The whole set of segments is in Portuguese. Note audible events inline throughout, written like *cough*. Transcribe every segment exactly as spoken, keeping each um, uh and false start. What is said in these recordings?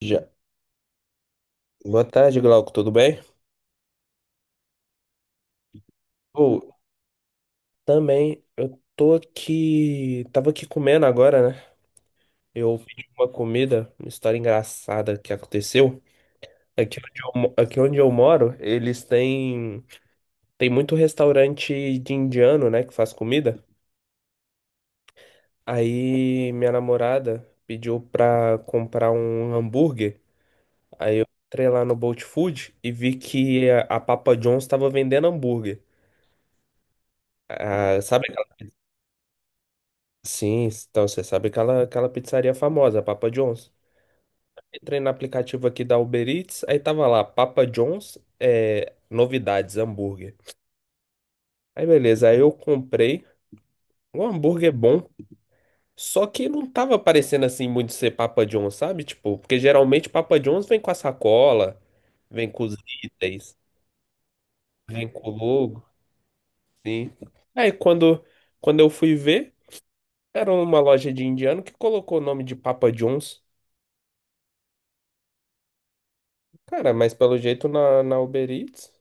Já. Boa tarde, Glauco, tudo bem? Ou também, eu tô aqui, tava aqui comendo agora, né? Eu pedi uma comida, uma história engraçada que aconteceu. Aqui onde eu, mo- aqui onde eu moro, eles têm tem muito restaurante de indiano, né, que faz comida. Aí minha namorada pediu pra comprar um hambúrguer. Aí eu entrei lá no Bolt Food e vi que a a Papa John's tava vendendo hambúrguer. Ah, sabe Sim, então você sabe aquela, aquela pizzaria famosa, Papa John's. Entrei no aplicativo aqui da Uber Eats, aí tava lá, Papa John's, é, novidades, hambúrguer. Aí beleza, aí eu comprei um hambúrguer bom, só que não tava parecendo assim muito ser Papa John's, sabe? Tipo, porque geralmente Papa John's vem com a sacola, vem com os itens, vem com o logo, sim. Aí quando, quando eu fui ver, era uma loja de indiano que colocou o nome de Papa John's. Cara, mas pelo jeito na, na Uber Eats.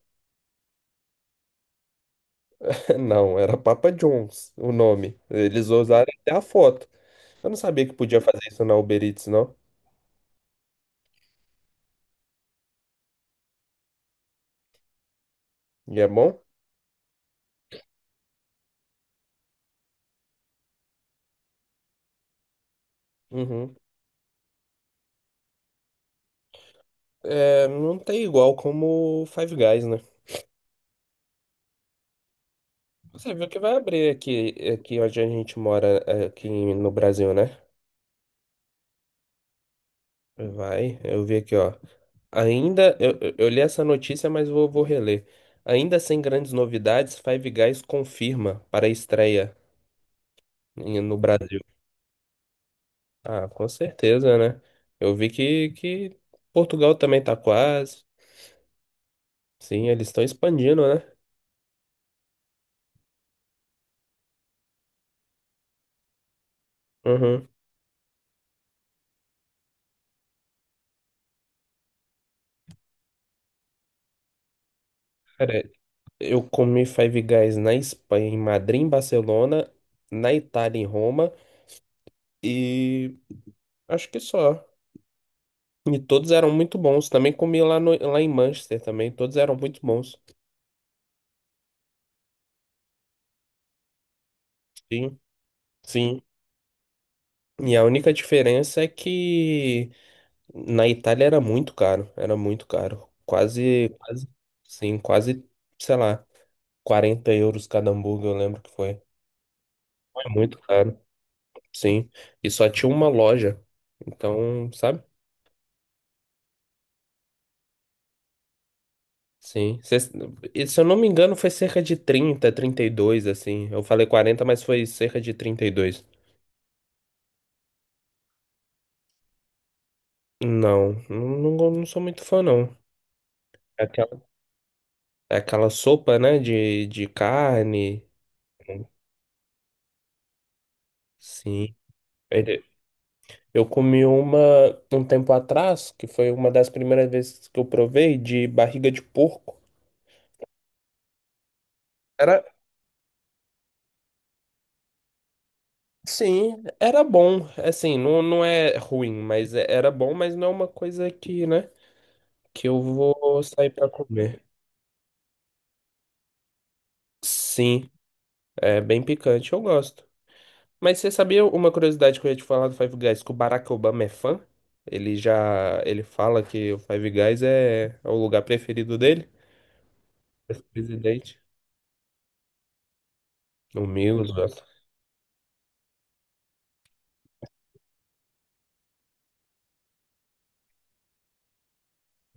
*laughs* Não, era Papa John's o nome. Eles usaram até a foto. Eu não sabia que podia fazer isso na Uber Eats, não. E é bom? Uhum. É, não tem igual como o Five Guys, né? Você viu que vai abrir aqui, aqui onde a gente mora, aqui no Brasil, né? Vai, eu vi aqui, ó. Ainda, eu, eu eu li essa notícia, mas vou, vou reler. Ainda sem grandes novidades, Five Guys confirma para a estreia em- no Brasil. Ah, com certeza, né? Eu vi que, que Portugal também tá quase. Sim, eles estão expandindo, né? Uhum. Cara, eu comi Five Guys na Espanha, em Madrid, em Barcelona, na Itália, em Roma, e acho que só. E todos eram muito bons. Também comi lá, no, lá em Manchester também, todos eram muito bons. Sim, sim. E a única diferença é que na Itália era muito caro, era muito caro. Quase, quase, sim, quase, sei lá, quarenta euros cada hambúrguer, eu lembro que foi. Foi? É muito caro, sim. E só tinha uma loja. Então, sabe? Sim. Cês- e se eu não me engano, foi cerca de trinta trinta e dois assim. Eu falei quarenta mas foi cerca de trinta e dois. Não, não, não, não sou muito fã, não. É Aquela, é aquela sopa, né, de, de carne. Sim. Ele- Eu comi uma um tempo atrás, que foi uma das primeiras vezes que eu provei, de barriga de porco. Era Sim, era bom. Assim, não, não é ruim, mas é- era bom, mas não é uma coisa que, né, que eu vou sair pra comer. Sim, é bem picante, eu gosto. Mas você sabia uma curiosidade que eu ia te falar do Five Guys, que o Barack Obama é fã? Ele já, ele fala que o Five Guys é, é o lugar preferido dele, esse presidente. O Milos, gosta.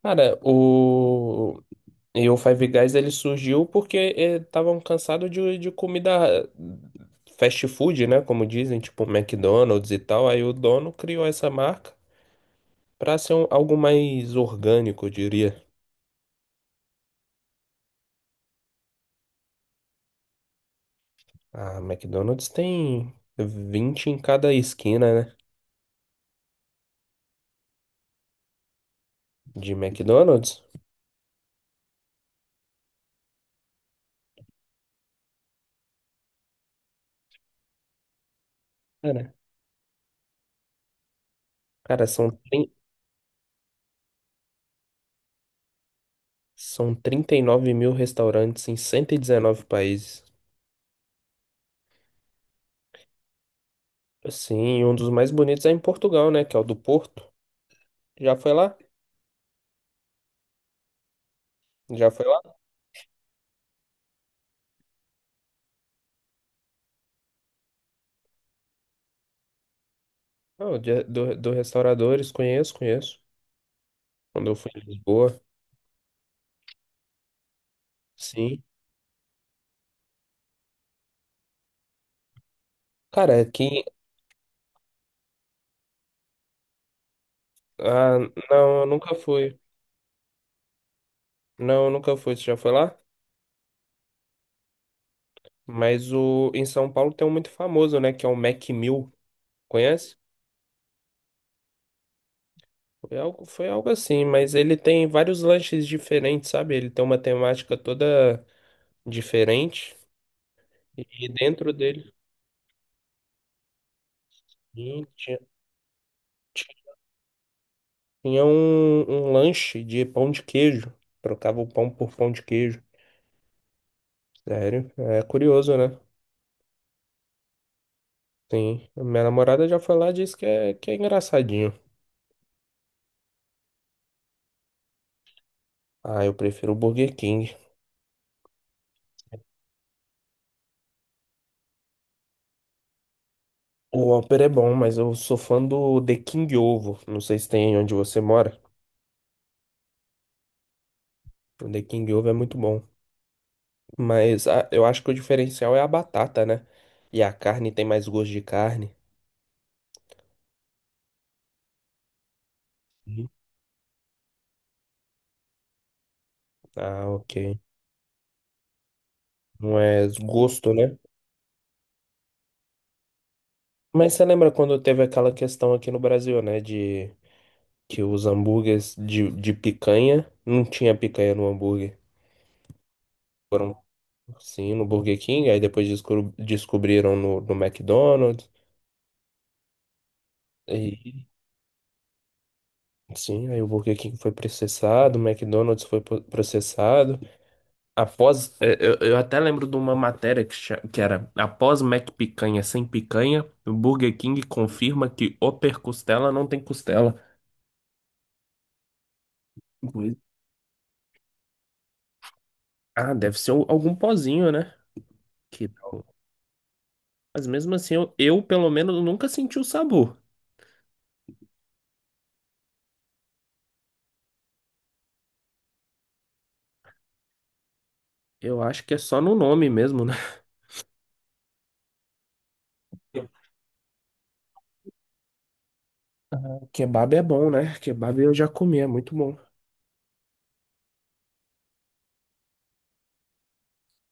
Cara, o E o Five Guys ele surgiu porque estavam cansados de, de comida fast food, né? Como dizem, tipo McDonald's e tal. Aí o dono criou essa marca para ser um- algo mais orgânico, eu diria. A McDonald's tem vinte em cada esquina, né? De McDonald's. Cara, cara, são, trin- são trinta e nove mil restaurantes em cento e dezenove países. Sim, um dos mais bonitos é em Portugal, né? Que é o do Porto. Já foi lá? Já foi lá? Não, de- do, do restauradores, conheço, conheço. Quando eu fui em Lisboa, sim. Cara, aqui. Ah, não, eu nunca fui. Não, eu nunca fui. Você já foi lá? Mas o, em São Paulo tem um muito famoso, né? Que é o Mac Mill. Conhece? Foi algo, foi algo assim, mas ele tem vários lanches diferentes, sabe? Ele tem uma temática toda diferente. E dentro dele sim, tinha, tinha um, um lanche de pão de queijo. Trocava o pão por pão de queijo. Sério, é curioso, né? Sim, minha namorada já foi lá e disse que é, que é engraçadinho. Ah, eu prefiro o Burger King. O Whopper é bom, mas eu sou fã do The King Ovo. Não sei se tem onde você mora. O The King Ovo é muito bom. Mas a- eu acho que o diferencial é a batata, né? E a carne tem mais gosto de carne. Uhum. Ah, ok. Não é gosto, né? Mas você lembra quando teve aquela questão aqui no Brasil, né? De que os hambúrgueres de, de picanha não tinha picanha no hambúrguer. Foram Sim, no Burger King, aí depois descobri- descobriram no, no McDonald's. E, sim, aí o Burger King foi processado, o McDonald's foi po- processado. Após, é, eu, eu até lembro de uma matéria que, cha- que era após McPicanha sem picanha, o Burger King confirma que Upper Costela não tem costela. Pois- Ah, deve ser o- algum pozinho, né? Que tal? Mas mesmo assim, eu, eu pelo menos nunca senti o sabor. Eu acho que é só no nome mesmo, né? Kebab é bom, né? Kebab eu já comi, é muito bom.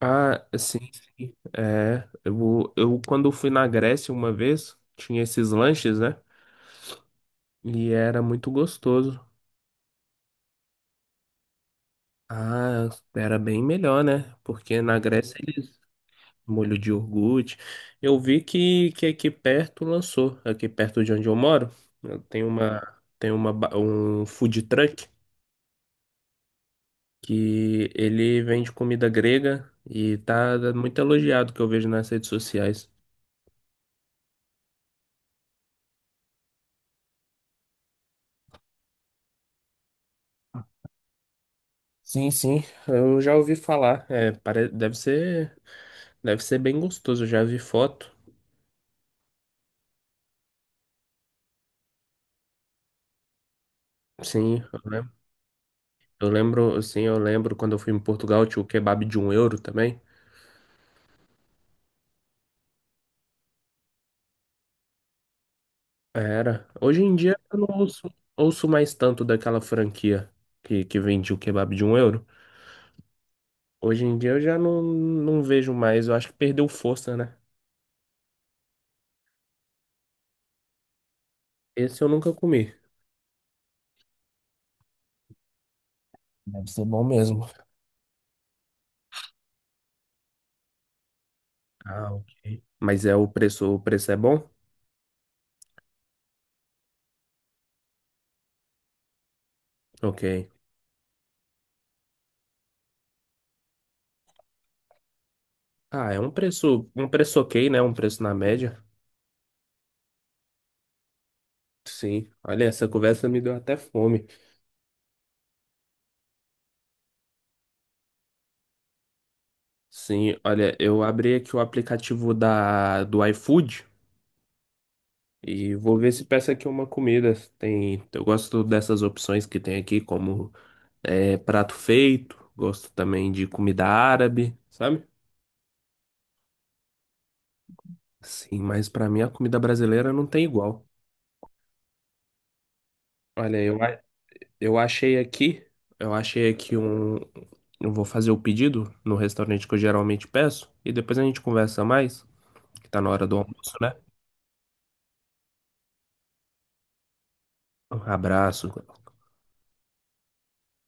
Ah, sim, sim. É, eu, eu quando fui na Grécia uma vez, tinha esses lanches, né? E era muito gostoso. Ah, era bem melhor, né? Porque na Grécia eles molho de iogurte. Eu vi que, que aqui perto lançou, aqui perto de onde eu moro, tem uma tem uma ba- um food truck que ele vende comida grega e tá muito elogiado que eu vejo nas redes sociais. Sim, sim, eu já ouvi falar. É, pare... deve ser, deve ser bem gostoso. Eu já vi foto. Sim, eu lembro. Eu lembro, sim, eu lembro quando eu fui em Portugal, tinha o kebab de um euro também. Era. Hoje em dia eu não ouço, ouço mais tanto daquela franquia que, que vende o kebab de um euro. Hoje em dia eu já não, não vejo mais. Eu acho que perdeu força, né? Esse eu nunca comi. Deve ser bom mesmo. Ah, ok. Mas é o preço, o preço é bom? Ok. Ah, é um preço, um preço ok, né? Um preço na média. Sim. Olha, essa conversa me deu até fome. Sim, olha, eu abri aqui o aplicativo da do iFood e vou ver se peço aqui uma comida. Tem, eu gosto dessas opções que tem aqui, como é, prato feito, gosto também de comida árabe, sabe? Sim, mas pra mim a comida brasileira não tem igual. Olha, eu, Eu achei aqui, eu achei aqui um. Eu vou fazer o pedido no restaurante que eu geralmente peço e depois a gente conversa mais, que tá na hora do almoço, né? Um abraço.